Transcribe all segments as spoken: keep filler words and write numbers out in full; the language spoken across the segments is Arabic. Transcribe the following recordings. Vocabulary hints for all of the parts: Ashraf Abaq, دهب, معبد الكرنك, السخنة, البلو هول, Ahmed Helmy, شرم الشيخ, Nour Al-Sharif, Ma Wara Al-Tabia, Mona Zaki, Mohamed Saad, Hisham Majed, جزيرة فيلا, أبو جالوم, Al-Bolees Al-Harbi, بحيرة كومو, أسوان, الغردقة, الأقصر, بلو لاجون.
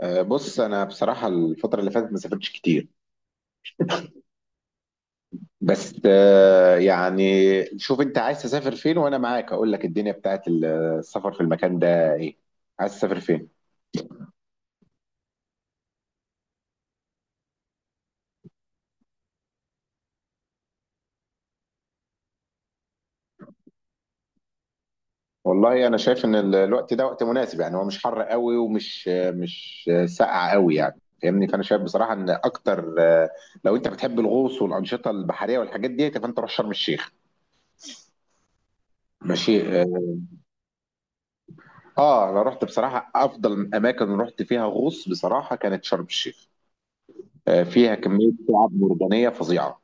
أه، بص انا بصراحه الفتره اللي فاتت ما سافرتش كتير. بس أه، يعني شوف انت عايز تسافر فين وانا معاك اقول لك الدنيا بتاعت ال- السفر في المكان ده ايه؟ عايز تسافر فين؟ والله انا شايف ان ال- الوقت ده وقت مناسب، يعني هو مش حر قوي ومش مش ساقع قوي، يعني فاهمني. فانا شايف بصراحه ان اكتر أه، لو انت بتحب الغوص والانشطه البحريه والحاجات دي فانت روح شرم الشيخ. ماشي اه. آه، انا رحت بصراحه افضل اماكن رحت فيها غوص بصراحه كانت شرم الشيخ. آه، فيها كمية شعاب مرجانية فظيعة.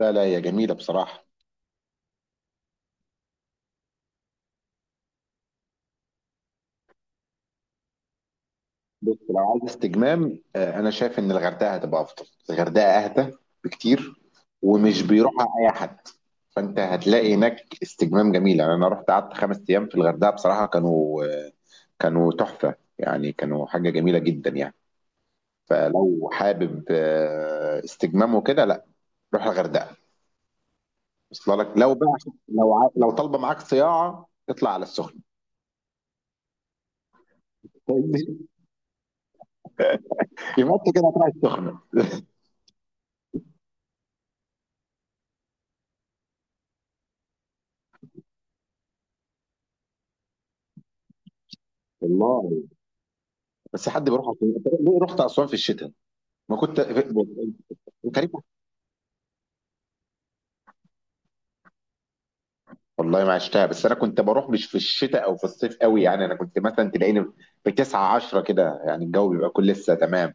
لا لا، هي جميلة بصراحة. بص لو عايز استجمام، آه، أنا شايف إن الغردقة هتبقى أفضل، الغردقة أهدى بكتير. ومش بيروحها أي حد، فأنت هتلاقي هناك استجمام جميل. يعني أنا رحت قعدت خمس أيام في الغردقة بصراحة، كانوا آه، كانوا تحفة، يعني كانوا حاجة جميلة جدا يعني. فلو حابب آه، استجمام وكده لا، روح الغردقة. وصل لك. لو بقى، لو ع- لو طالبة معاك صياعة اطلع على السخنة. في مصر كده طلعت سخنه. والله. بس حد بيروح اسوان؟ أنت ليه رحت اسوان في الشتاء؟ ما كنت كريم، والله ما عشتها. بس انا كنت بروح مش في الشتاء او في الصيف قوي، يعني انا كنت مثلا تلاقيني في تسعة عشرة كده، يعني الجو بيبقى كل لسه تمام.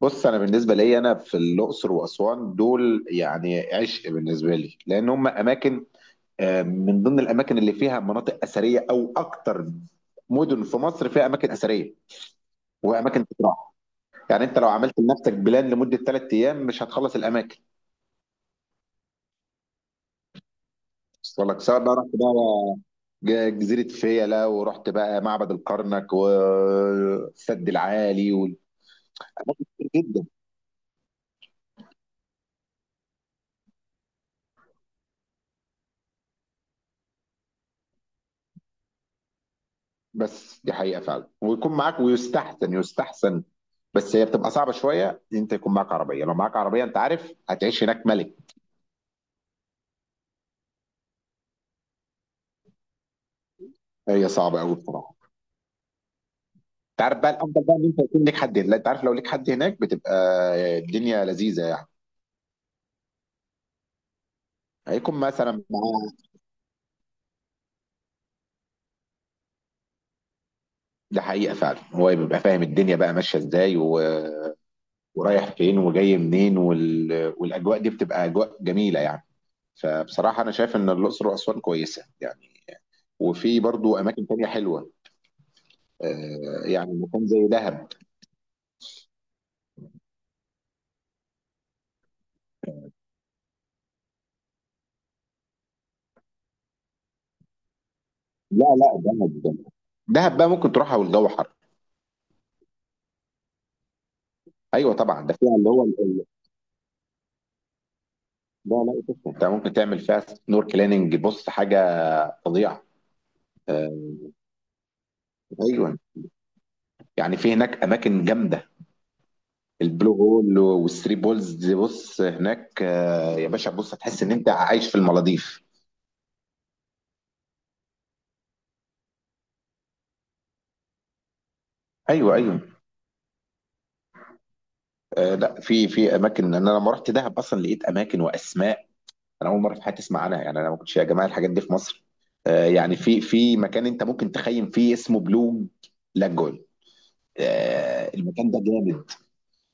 بص انا بالنسبه لي انا في الاقصر واسوان دول يعني عشق بالنسبه لي، لان هم اماكن آه، من ضمن الاماكن اللي فيها مناطق اثريه، او اكتر مدن في مصر فيها اماكن اثريه واماكن تتراح. يعني انت لو عملت لنفسك بلان لمده ثلاث ايام مش هتخلص الاماكن. وصل لك، سواء بقى رحت بقى ج- جزيره فيلا ورحت بقى معبد الكرنك والسد العالي و... جدا. بس دي حقيقه فعلا، ويكون معاك ويستحسن يستحسن بس هي بتبقى صعبه شويه ان انت يكون معاك عربيه، لو معاك عربيه انت عارف هتعيش هناك ملك. هي صعبه قوي بصراحه. انت عارف بقى الافضل بقى ان انت يكون ليك حد هناك. لا انت عارف لو ليك حد هناك بتبقى الدنيا لذيذه يعني. هيكون مثلا معاه. ده حقيقة فعلًا، هو بيبقى فاهم الدنيا بقى ماشية إزاي و ورايح فين وجاي منين، وال والأجواء دي بتبقى أجواء جميلة يعني. فبصراحة أنا شايف إن الأقصر وأسوان كويسة يعني، وفي برضه أماكن تانية حلوة. آآ، يعني مكان زي دهب. لا، لأ دهب دهب دهب بقى ممكن تروحها والجو حر. أيوه طبعًا، ده فيها اللي هو ال ال لا، لأ تسلم، أنت ممكن تعمل فيها snorkeling. بُص حاجة فظيعة. آآ، أيوه، يعني في هناك أماكن جامدة. البلو هول والثري بولز دي، بص هناك آه، يا باشا، بص هتحس ان انت عايش في المالديف. ايوه ايوه. آه لا، في في اماكن انا لما رحت دهب اصلا لقيت اماكن واسماء انا اول مره في حياتي اسمع عنها، يعني انا ما كنتش يا جماعه الحاجات دي في مصر. آه، يعني في في مكان انت ممكن تخيم فيه اسمه بلو لاجون. آه المكان ده جامد.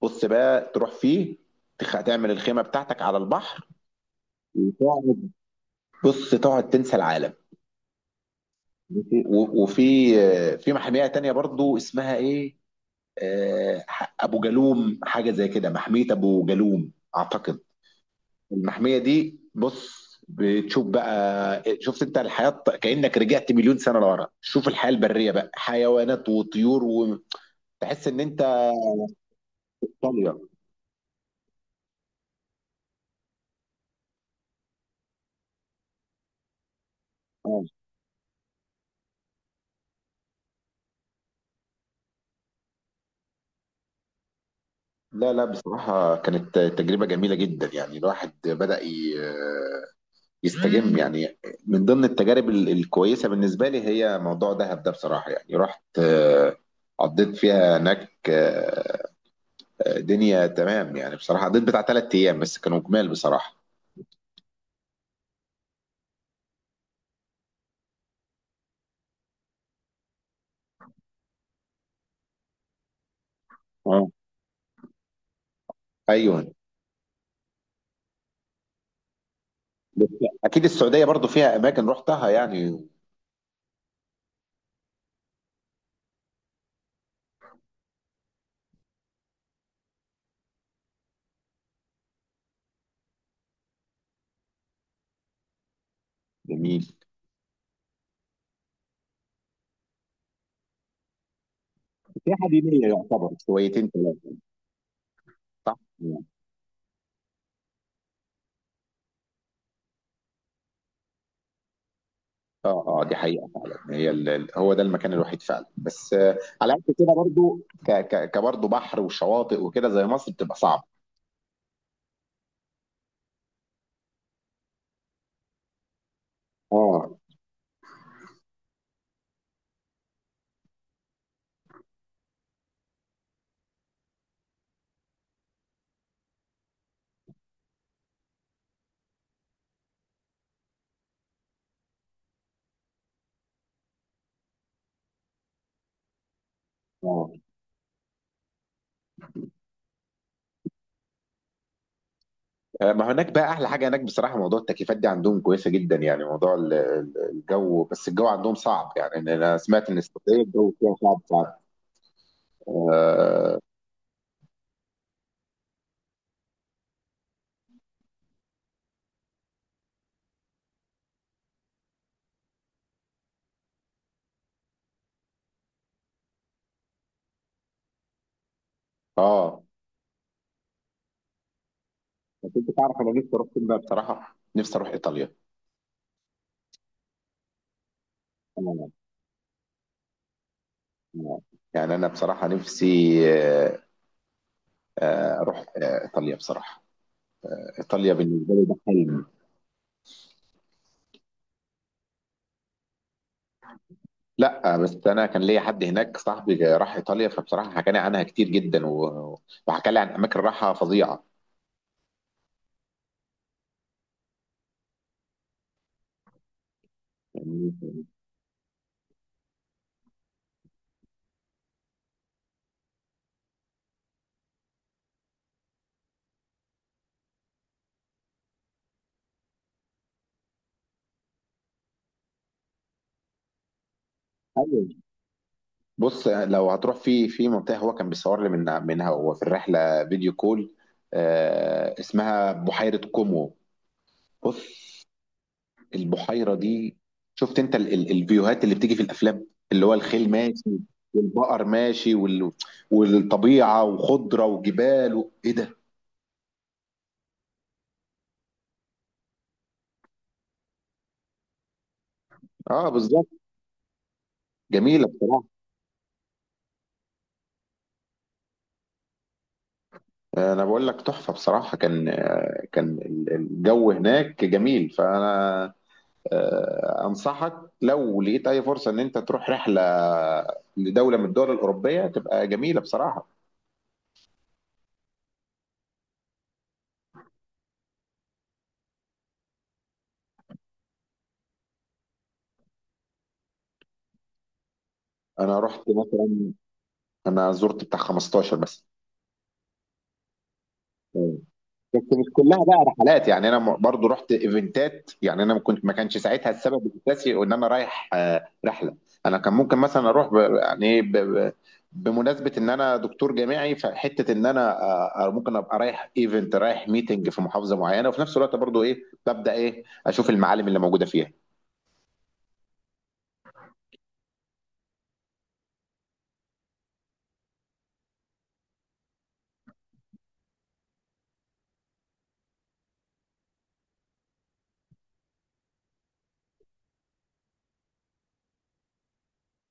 بص بقى تروح فيه، تخ- تعمل الخيمه بتاعتك على البحر وتقعد. بص تقعد تنسى العالم. وفي وفي آه، في محميه تانية برضو اسمها ايه، آه، ابو جالوم حاجه زي كده، محميه ابو جالوم اعتقد. المحميه دي بص بتشوف بقى، شفت انت الحياه كانك رجعت مليون سنه لورا؟ شوف الحياه البريه بقى، حيوانات وطيور، وتحس ان انت طاليه. آه. لا لا بصراحه كانت تجربه جميله جدا، يعني الواحد بدا ي- آه، يستجم يعني. من ضمن التجارب ال- الكويسه بالنسبه لي هي موضوع دهب ده بصراحه، يعني رحت آه، قضيت فيها هناك آه، دنيا تمام يعني. بصراحة قضيت بتاع ثلاث أيام بس كانوا جمال بصراحة. اه. أيوه. بس أكيد السعودية برضو فيها أماكن رحتها يعني. جميل. سياحة دينية يعتبر شويتين ثلاثة. صح؟ اه اه، دي حقيقة فعلا. هي ال... ال- هو ده المكان الوحيد فعلا، بس آه، على قد كده برضو ك... ك... كبرضو بحر وشواطئ وكده زي مصر بتبقى صعبة. اه اه. آه، ما هناك بقى احلى حاجه هناك بصراحه موضوع التكييفات دي عندهم كويسه جدا، يعني موضوع ال- ال- الجو. بس الجو عندهم صعب، يعني إن انا سمعت ان السعوديه الجو فيها صعب صعب. اه. آه. بس انت تعرف انا نفسي اروح فين بقى بصراحه؟ نفسي اروح ايطاليا. آه، آه. يعني انا بصراحه نفسي آه، آه، اروح آه، ايطاليا بصراحه. ايطاليا بالنسبه لي ده حلم. لا بس انا كان ليا حد هناك صاحبي جا- راح ايطاليا، فبصراحه حكى لي عنها كتير جدا و- وحكى لي عن اماكن راحه فظيعه يعني. أيوة. بص لو هتروح في في منطقه هو كان بيصور لي من منها وهو في الرحله فيديو كول، آه اسمها بحيره كومو. بص البحيره دي، شفت انت ال ال الفيوهات اللي بتيجي في الافلام؟ اللي هو الخيل ماشي والبقر ماشي وال والطبيعه وخضره وجبال و... ايه ده. اه بالظبط. جميله بصراحه. انا بقول لك تحفه بصراحه. كان آه، كان ال- الجو هناك جميل. فانا آه، انصحك لو لقيت اي فرصه ان انت تروح رحله لدوله من الدول الاوروبيه تبقى جميله بصراحه. انا رحت مثلا، انا زرت بتاع خمستاشر بس. بس مش كلها بقى رحلات، يعني انا م- برضو رحت ايفنتات. يعني انا ما كنت ما كانش ساعتها السبب الاساسي ان انا رايح آه، رحله. انا كان ممكن مثلا اروح ب... يعني إيه ب... ب- بمناسبه ان انا دكتور جامعي، فحته ان انا آه، آه، ممكن ابقى رايح ايفنت، رايح ميتنج في محافظه معينه وفي نفس الوقت برضو ايه، ببدا ايه اشوف المعالم اللي موجوده فيها.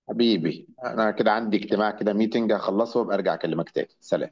حبيبي انا كده عندي اجتماع كده، ميتنج هخلصه وابقى ارجع اكلمك تاني. سلام.